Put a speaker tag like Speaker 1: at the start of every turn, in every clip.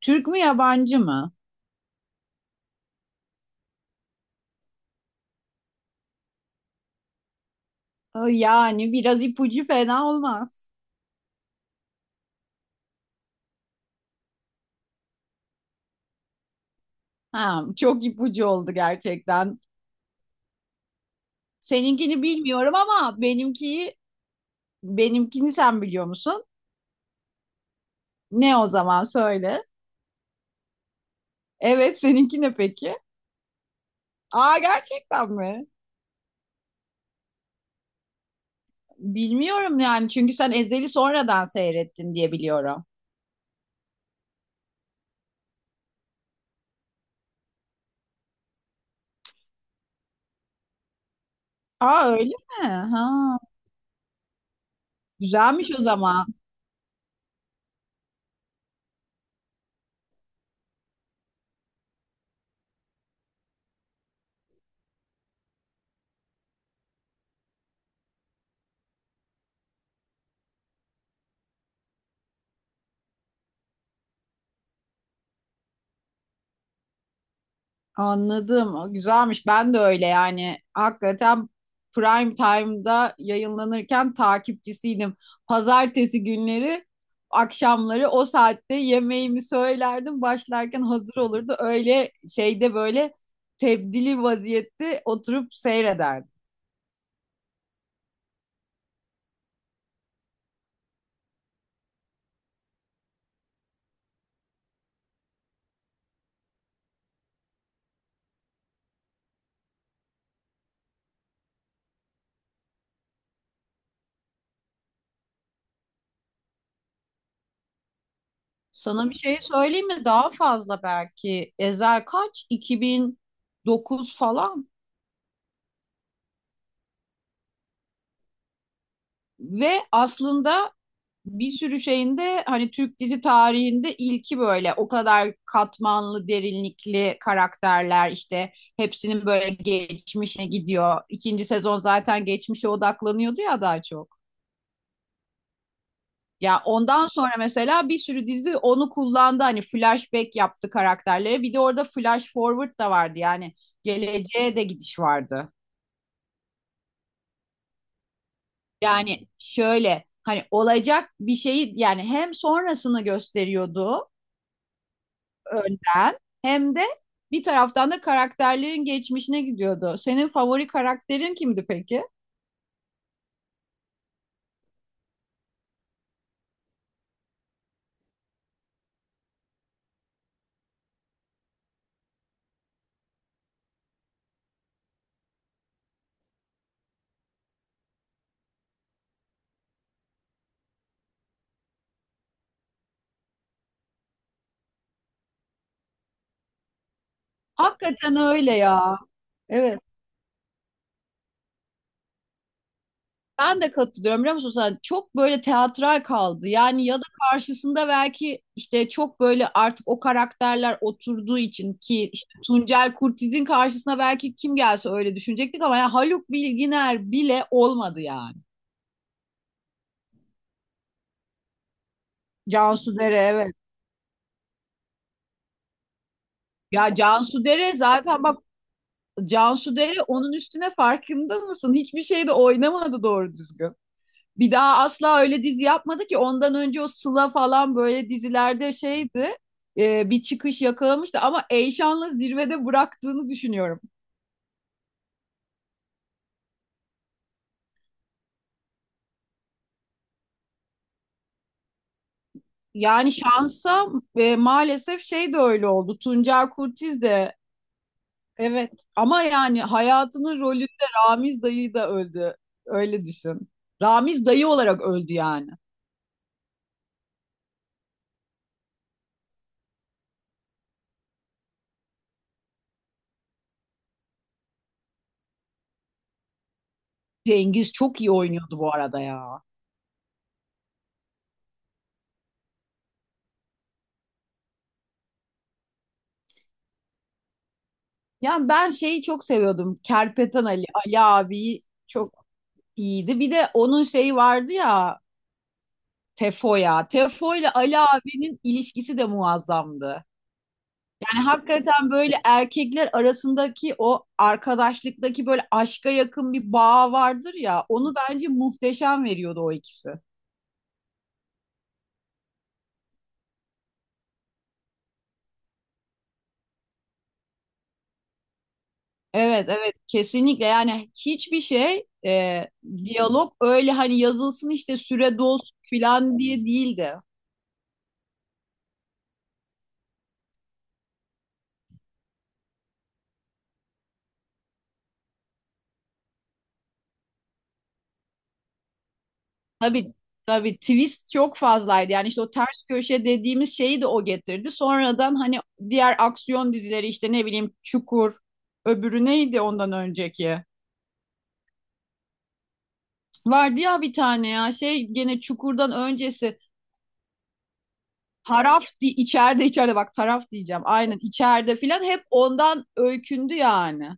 Speaker 1: Türk mü yabancı mı? Yani biraz ipucu fena olmaz. Ha, çok ipucu oldu gerçekten. Seninkini bilmiyorum ama benimkini sen biliyor musun? Ne o zaman söyle. Evet seninki ne peki? Aa gerçekten mi? Bilmiyorum yani çünkü sen Ezel'i sonradan seyrettin diye biliyorum. Aa öyle mi? Ha, güzelmiş o zaman. Anladım. O güzelmiş. Ben de öyle yani. Hakikaten prime time'da yayınlanırken takipçisiydim. Pazartesi günleri akşamları o saatte yemeğimi söylerdim. Başlarken hazır olurdu. Öyle şeyde böyle tebdili vaziyette oturup seyrederdim. Sana bir şey söyleyeyim mi? Daha fazla belki. Ezel kaç? 2009 falan. Ve aslında bir sürü şeyinde hani Türk dizi tarihinde ilki böyle o kadar katmanlı, derinlikli karakterler işte hepsinin böyle geçmişe gidiyor. İkinci sezon zaten geçmişe odaklanıyordu ya daha çok. Ya ondan sonra mesela bir sürü dizi onu kullandı hani flashback yaptı karakterlere. Bir de orada flash forward da vardı yani geleceğe de gidiş vardı. Yani şöyle hani olacak bir şeyi yani hem sonrasını gösteriyordu önden hem de bir taraftan da karakterlerin geçmişine gidiyordu. Senin favori karakterin kimdi peki? Hakikaten öyle ya. Evet. Ben de katılıyorum biliyor musun sen? Çok böyle teatral kaldı. Yani ya da karşısında belki işte çok böyle artık o karakterler oturduğu için ki işte Tuncel Kurtiz'in karşısına belki kim gelse öyle düşünecektik ama ya Haluk Bilginer bile olmadı yani. Cansu Dere, evet. Ya Cansu Dere zaten bak, Cansu Dere onun üstüne farkında mısın? Hiçbir şeyde oynamadı doğru düzgün. Bir daha asla öyle dizi yapmadı ki ondan önce o Sıla falan böyle dizilerde şeydi. Bir çıkış yakalamıştı ama Eyşan'la zirvede bıraktığını düşünüyorum. Yani şansa maalesef şey de öyle oldu. Tuncer Kurtiz de, evet, ama yani hayatının rolünde Ramiz dayı da öldü. Öyle düşün. Ramiz dayı olarak öldü yani. Cengiz çok iyi oynuyordu bu arada ya. Yani ben şeyi çok seviyordum. Kerpeten Ali, Ali abi çok iyiydi. Bir de onun şeyi vardı ya, Tefo'ya. Tefo ile Ali abinin ilişkisi de muazzamdı. Yani hakikaten böyle erkekler arasındaki o arkadaşlıktaki böyle aşka yakın bir bağ vardır ya. Onu bence muhteşem veriyordu o ikisi. Evet, evet, kesinlikle yani hiçbir şey diyalog öyle hani yazılsın işte süre dolsun filan diye değildi. Tabii tabii twist çok fazlaydı. Yani işte o ters köşe dediğimiz şeyi de o getirdi. Sonradan hani diğer aksiyon dizileri işte ne bileyim Çukur, öbürü neydi ondan önceki? Vardı ya bir tane ya şey gene Çukur'dan öncesi içeride, içeride bak, taraf diyeceğim. Aynen içeride filan hep ondan öykündü yani.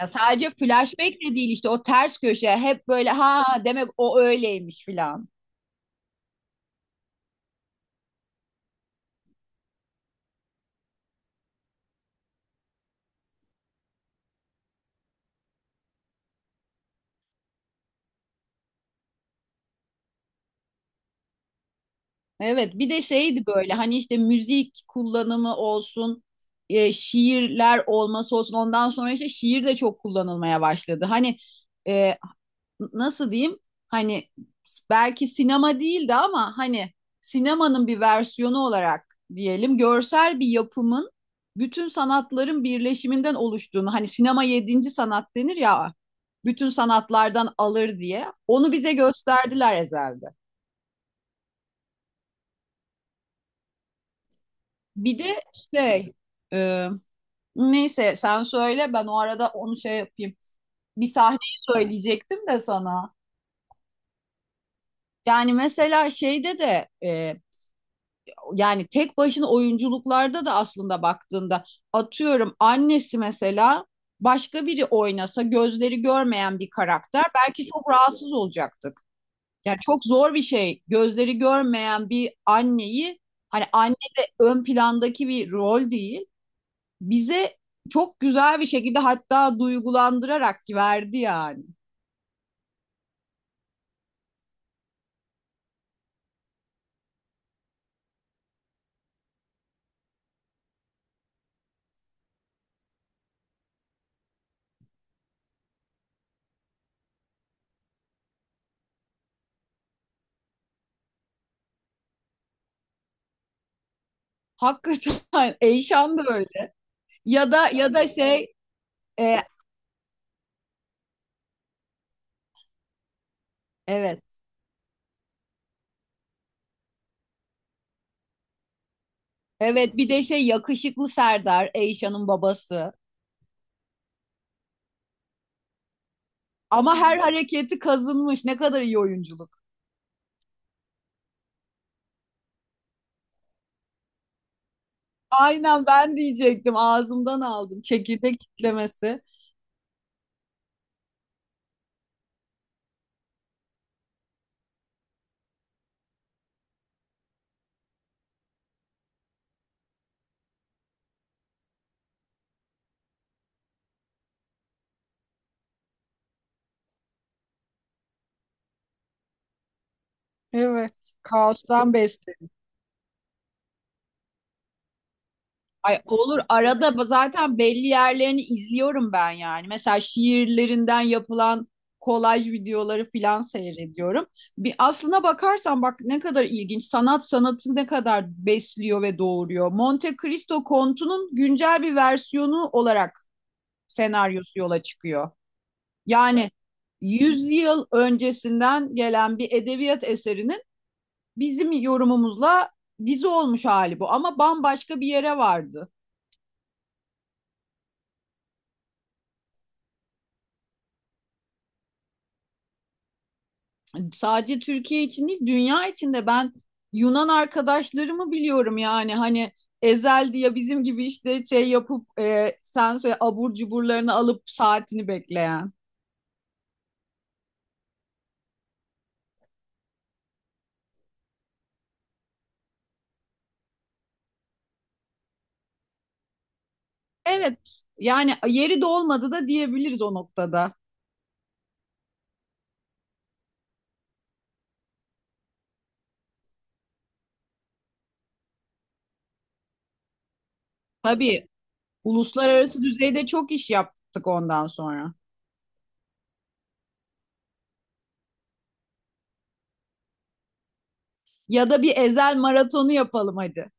Speaker 1: Ya sadece flashback de değil işte o ters köşe hep böyle ha demek o öyleymiş filan. Evet bir de şeydi böyle hani işte müzik kullanımı olsun, şiirler olması olsun, ondan sonra işte şiir de çok kullanılmaya başladı. Hani e, nasıl diyeyim, hani belki sinema değildi ama hani sinemanın bir versiyonu olarak diyelim görsel bir yapımın bütün sanatların birleşiminden oluştuğunu, hani sinema yedinci sanat denir ya, bütün sanatlardan alır diye onu bize gösterdiler Ezel'de. Bir de şey, e, neyse sen söyle, ben o arada onu şey yapayım. Bir sahneyi söyleyecektim de sana. Yani mesela şeyde de yani tek başına oyunculuklarda da aslında baktığında atıyorum annesi mesela, başka biri oynasa gözleri görmeyen bir karakter, belki çok rahatsız olacaktık. Yani çok zor bir şey gözleri görmeyen bir anneyi, hani anne de ön plandaki bir rol değil, bize çok güzel bir şekilde hatta duygulandırarak verdi yani. Hakikaten Eyşan da öyle. Ya da şey, e, evet. Evet bir de şey, yakışıklı Serdar, Eyşan'ın babası. Ama her hareketi kazınmış. Ne kadar iyi oyunculuk. Aynen, ben diyecektim. Ağzımdan aldım. Çekirdek kitlemesi. Evet. Kaostan beslenmiş. Ay olur, arada zaten belli yerlerini izliyorum ben yani. Mesela şiirlerinden yapılan kolaj videoları filan seyrediyorum. Bir aslına bakarsan bak ne kadar ilginç. Sanat sanatı ne kadar besliyor ve doğuruyor. Monte Cristo Kontu'nun güncel bir versiyonu olarak senaryosu yola çıkıyor. Yani 100 yıl öncesinden gelen bir edebiyat eserinin bizim yorumumuzla dizi olmuş hali bu ama bambaşka bir yere vardı. Sadece Türkiye için değil, dünya için de, ben Yunan arkadaşlarımı biliyorum yani, hani Ezel diye bizim gibi işte şey yapıp sen söyle, abur cuburlarını alıp saatini bekleyen. Evet yani yeri de olmadı da diyebiliriz o noktada. Tabii uluslararası düzeyde çok iş yaptık ondan sonra. Ya da bir Ezel maratonu yapalım hadi.